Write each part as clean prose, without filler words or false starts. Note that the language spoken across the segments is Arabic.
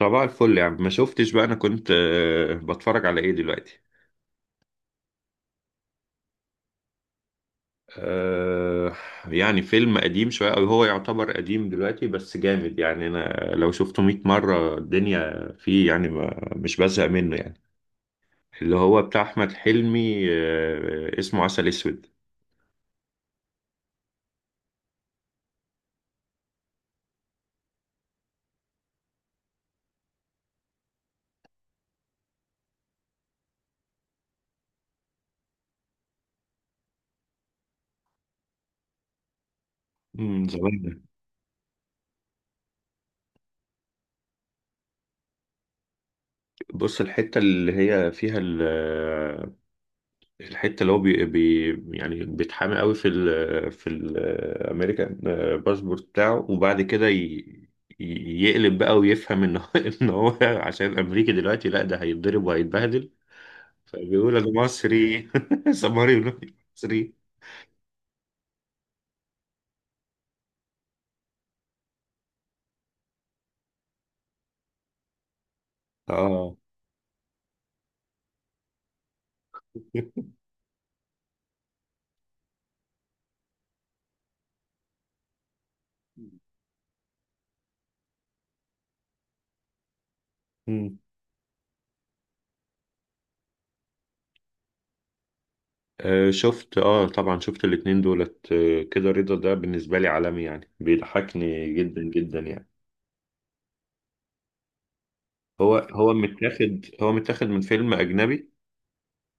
صباح الفل يا عم، ما شفتش بقى. انا كنت بتفرج على ايه دلوقتي. آه يعني فيلم قديم شوية، او هو يعتبر قديم دلوقتي، بس جامد يعني. انا لو شفته 100 مرة الدنيا فيه، يعني ما مش بزهق منه يعني. اللي هو بتاع احمد حلمي، آه، اسمه عسل اسود. زمان ده. بص، الحتة اللي هي فيها، الحته اللي هو بي بي يعني بيتحامي قوي في الامريكان، باسبورت بتاعه، وبعد كده يقلب بقى ويفهم ان هو ان هو عشان امريكي دلوقتي، لا ده هيتضرب وهيتبهدل. فبيقول انا مصري سماري، مصري. اه. مم. آه، شفت. اه طبعا شفت الاتنين دولت. آه، كده رضا ده بالنسبة لي عالمي يعني، بيضحكني جدا جدا يعني. هو متاخد من فيلم أجنبي.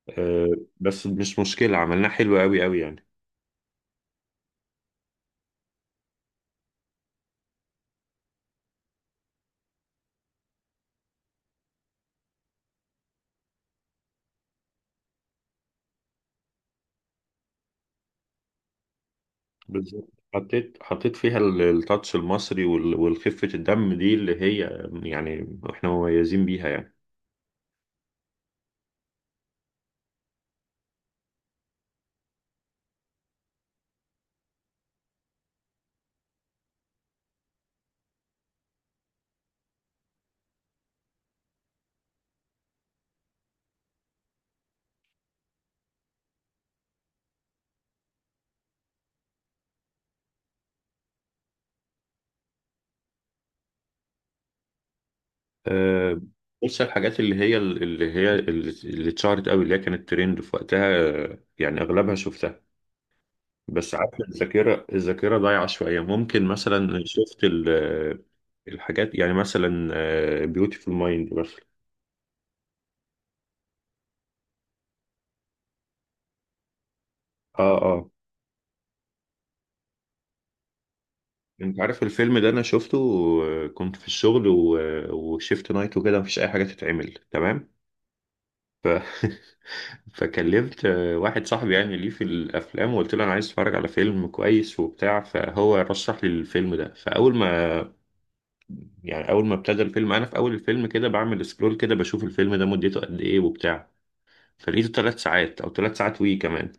آه، بس مش مشكلة، عملناه حلو قوي يعني. بالظبط، حطيت فيها التاتش المصري والخفة الدم دي اللي هي يعني احنا مميزين بيها يعني. آه، بص، الحاجات اللي اتشهرت قوي، اللي هي كانت ترند في وقتها، آه، يعني اغلبها شفتها. بس عارف، الذاكرة ضايعة شوية. ممكن مثلا شفت الحاجات، يعني مثلا بيوتيفول مايند مثلا. اه آه. انت عارف الفيلم ده انا شفته. آه، كنت في الشغل وشيفت نايت وكده، مفيش اي حاجه تتعمل، تمام. ف... فكلمت واحد صاحبي يعني ليه في الافلام، وقلت له انا عايز اتفرج على فيلم كويس وبتاع، فهو رشح لي الفيلم ده. فاول ما يعني اول ما ابتدى الفيلم، انا في اول الفيلم كده بعمل سكرول كده، بشوف الفيلم ده مدته قد ايه وبتاع. فلقيته ثلاث ساعات او ثلاث ساعات وي كمان.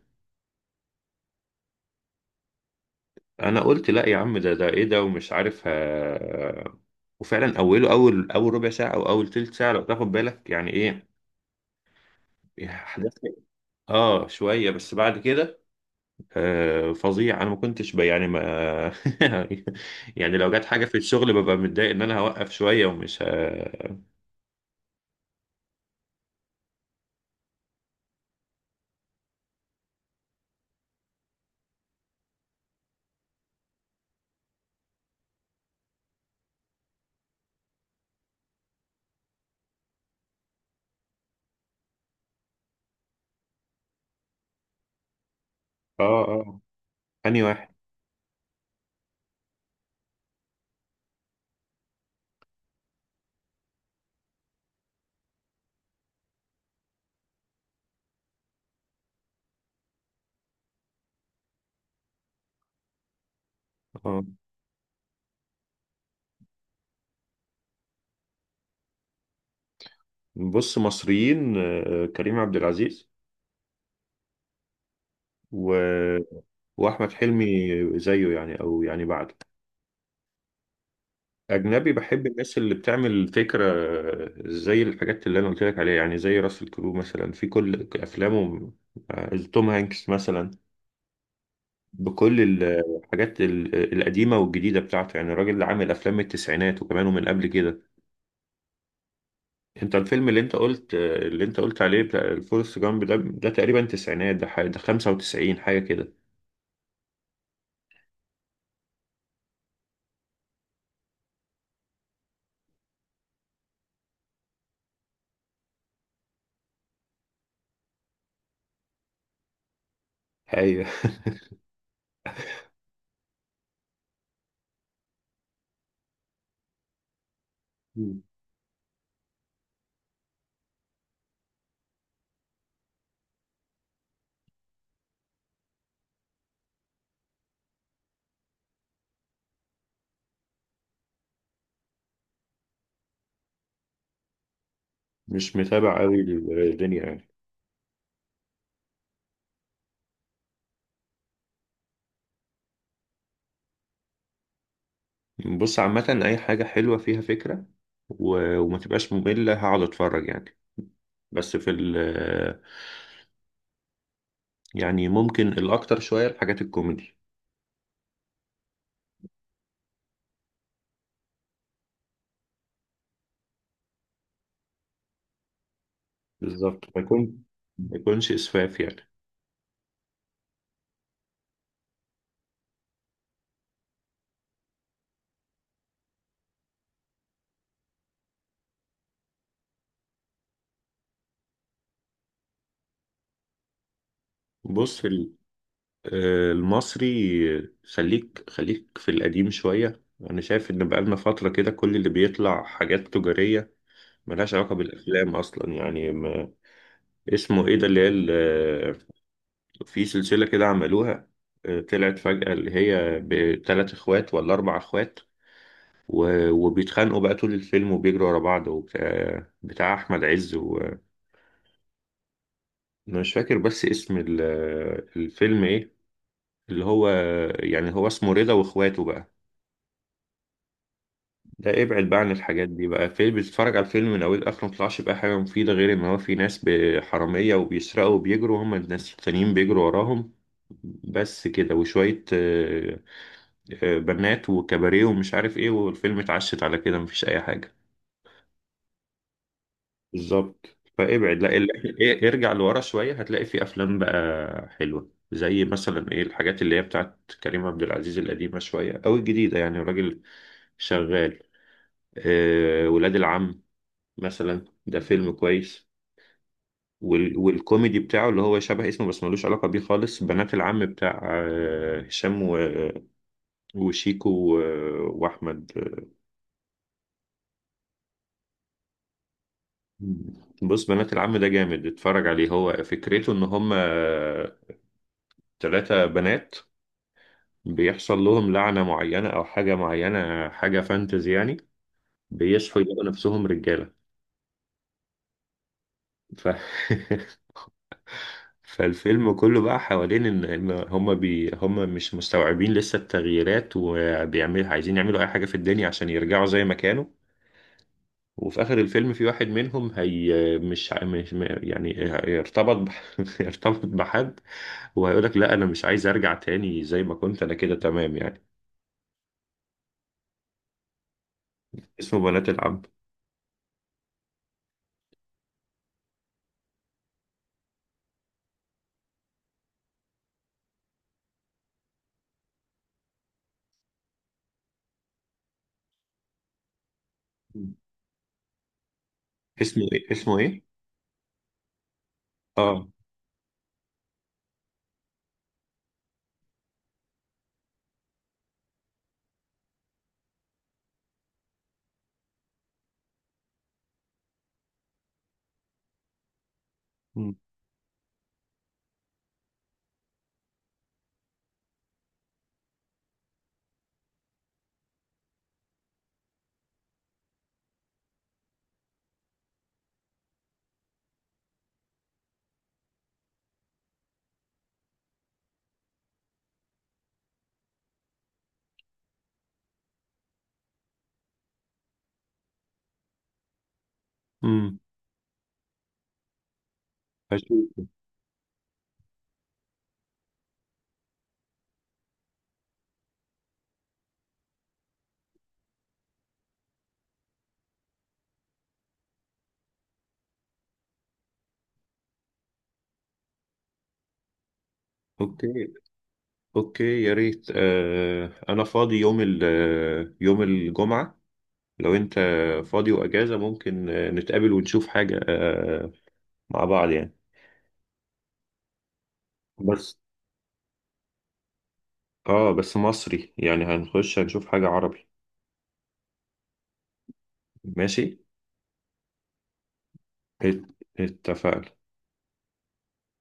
انا قلت لا يا عم، ده ايه ده؟ ومش عارف وفعلا اوله، اول ربع ساعه او اول تلت ساعه لو تاخد بالك، يعني ايه احداث. اه شويه، بس بعد كده آه فظيع. انا ما كنتش يعني ما يعني لو جت حاجه في الشغل ببقى متضايق ان انا هوقف شويه ومش اه اه. انهي واحد؟ اه، بص، مصريين آه كريم عبد العزيز و... واحمد حلمي زيه يعني، او يعني بعده. أجنبي، بحب الناس اللي بتعمل فكرة، زي الحاجات اللي أنا قلت لك عليها، يعني زي راسل كرو مثلا في كل أفلامه. آه، توم هانكس مثلا، بكل الحاجات القديمة والجديدة بتاعته، يعني الراجل اللي عامل أفلام من التسعينات وكمان ومن قبل كده. أنت الفيلم اللي أنت قلت عليه بتاع الفورست جامب ده تقريبا تسعينات، ده حاجة ده 95 حاجة كده. أيوه. مش متابع قوي الدنيا يعني. بص، عامة أي حاجة حلوة فيها فكرة وما تبقاش مملة، هقعد أتفرج يعني. بس في ال يعني ممكن الأكتر شوية الحاجات الكوميدي. بالظبط، ما يكونش إسفاف يعني. بص آه، المصري، خليك في القديم شوية. أنا شايف إن بقالنا فترة كده كل اللي بيطلع حاجات تجارية ملهاش علاقة بالأفلام أصلا يعني ما. اسمه إيه ده اللي هي، في سلسلة كده عملوها، آه، طلعت فجأة، اللي هي بتلات اخوات ولا اربع اخوات وبيتخانقوا بقى طول الفيلم وبيجروا ورا بعض وبتاع، بتاع احمد عز وانا مش فاكر بس اسم الفيلم ايه، اللي هو يعني هو اسمه رضا واخواته بقى. ده ابعد بقى عن الحاجات دي بقى، فيلم بتتفرج على الفيلم من اوله لاخره مطلعش بقى حاجة مفيدة، غير ان هو في ناس حرامية وبيسرقوا وبيجروا، هما الناس التانيين بيجروا وراهم. بس كده، وشوية آه، آه، بنات وكباريه ومش عارف ايه، والفيلم اتعشت على كده، مفيش اي حاجه. بالظبط. فابعد لا إيه، ارجع لورا شويه هتلاقي في افلام بقى حلوه، زي مثلا ايه الحاجات اللي هي بتاعت كريم عبد العزيز القديمه شويه او الجديده، يعني الراجل شغال. آه، ولاد العم مثلا، ده فيلم كويس. والكوميدي بتاعه اللي هو شبه اسمه بس ملوش علاقه بيه خالص، بنات العم، بتاع آه، هشام وشيكو واحمد. بص، بنات العم ده جامد، اتفرج عليه. هو فكرته ان هم ثلاثة بنات بيحصل لهم لعنة معينة او حاجة معينة، حاجة فانتزي يعني، بيصحوا يلاقوا نفسهم رجالة. ف... فالفيلم كله بقى حوالين ان هم مش مستوعبين لسه التغييرات، وبيعمل عايزين يعملوا اي حاجة في الدنيا عشان يرجعوا زي ما كانوا. وفي آخر الفيلم، في واحد منهم هي، مش مش يعني يرتبط يرتبط بحد، وهيقول لك لا أنا مش عايز أرجع تاني، زي ما كنت أنا كده تمام يعني. اسمه بنات العم. مم. اسمه إيه اسمه إيه؟ آه. مم. امم هشوفه. اوكي، اوكي يا ريت. آه انا فاضي يوم ال آه، يوم الجمعة، لو انت فاضي واجازة، ممكن آه، نتقابل ونشوف حاجة آه مع بعض يعني. بس اه، بس مصري يعني، هنخش هنشوف حاجة عربي. ماشي. ات- اتفقنا.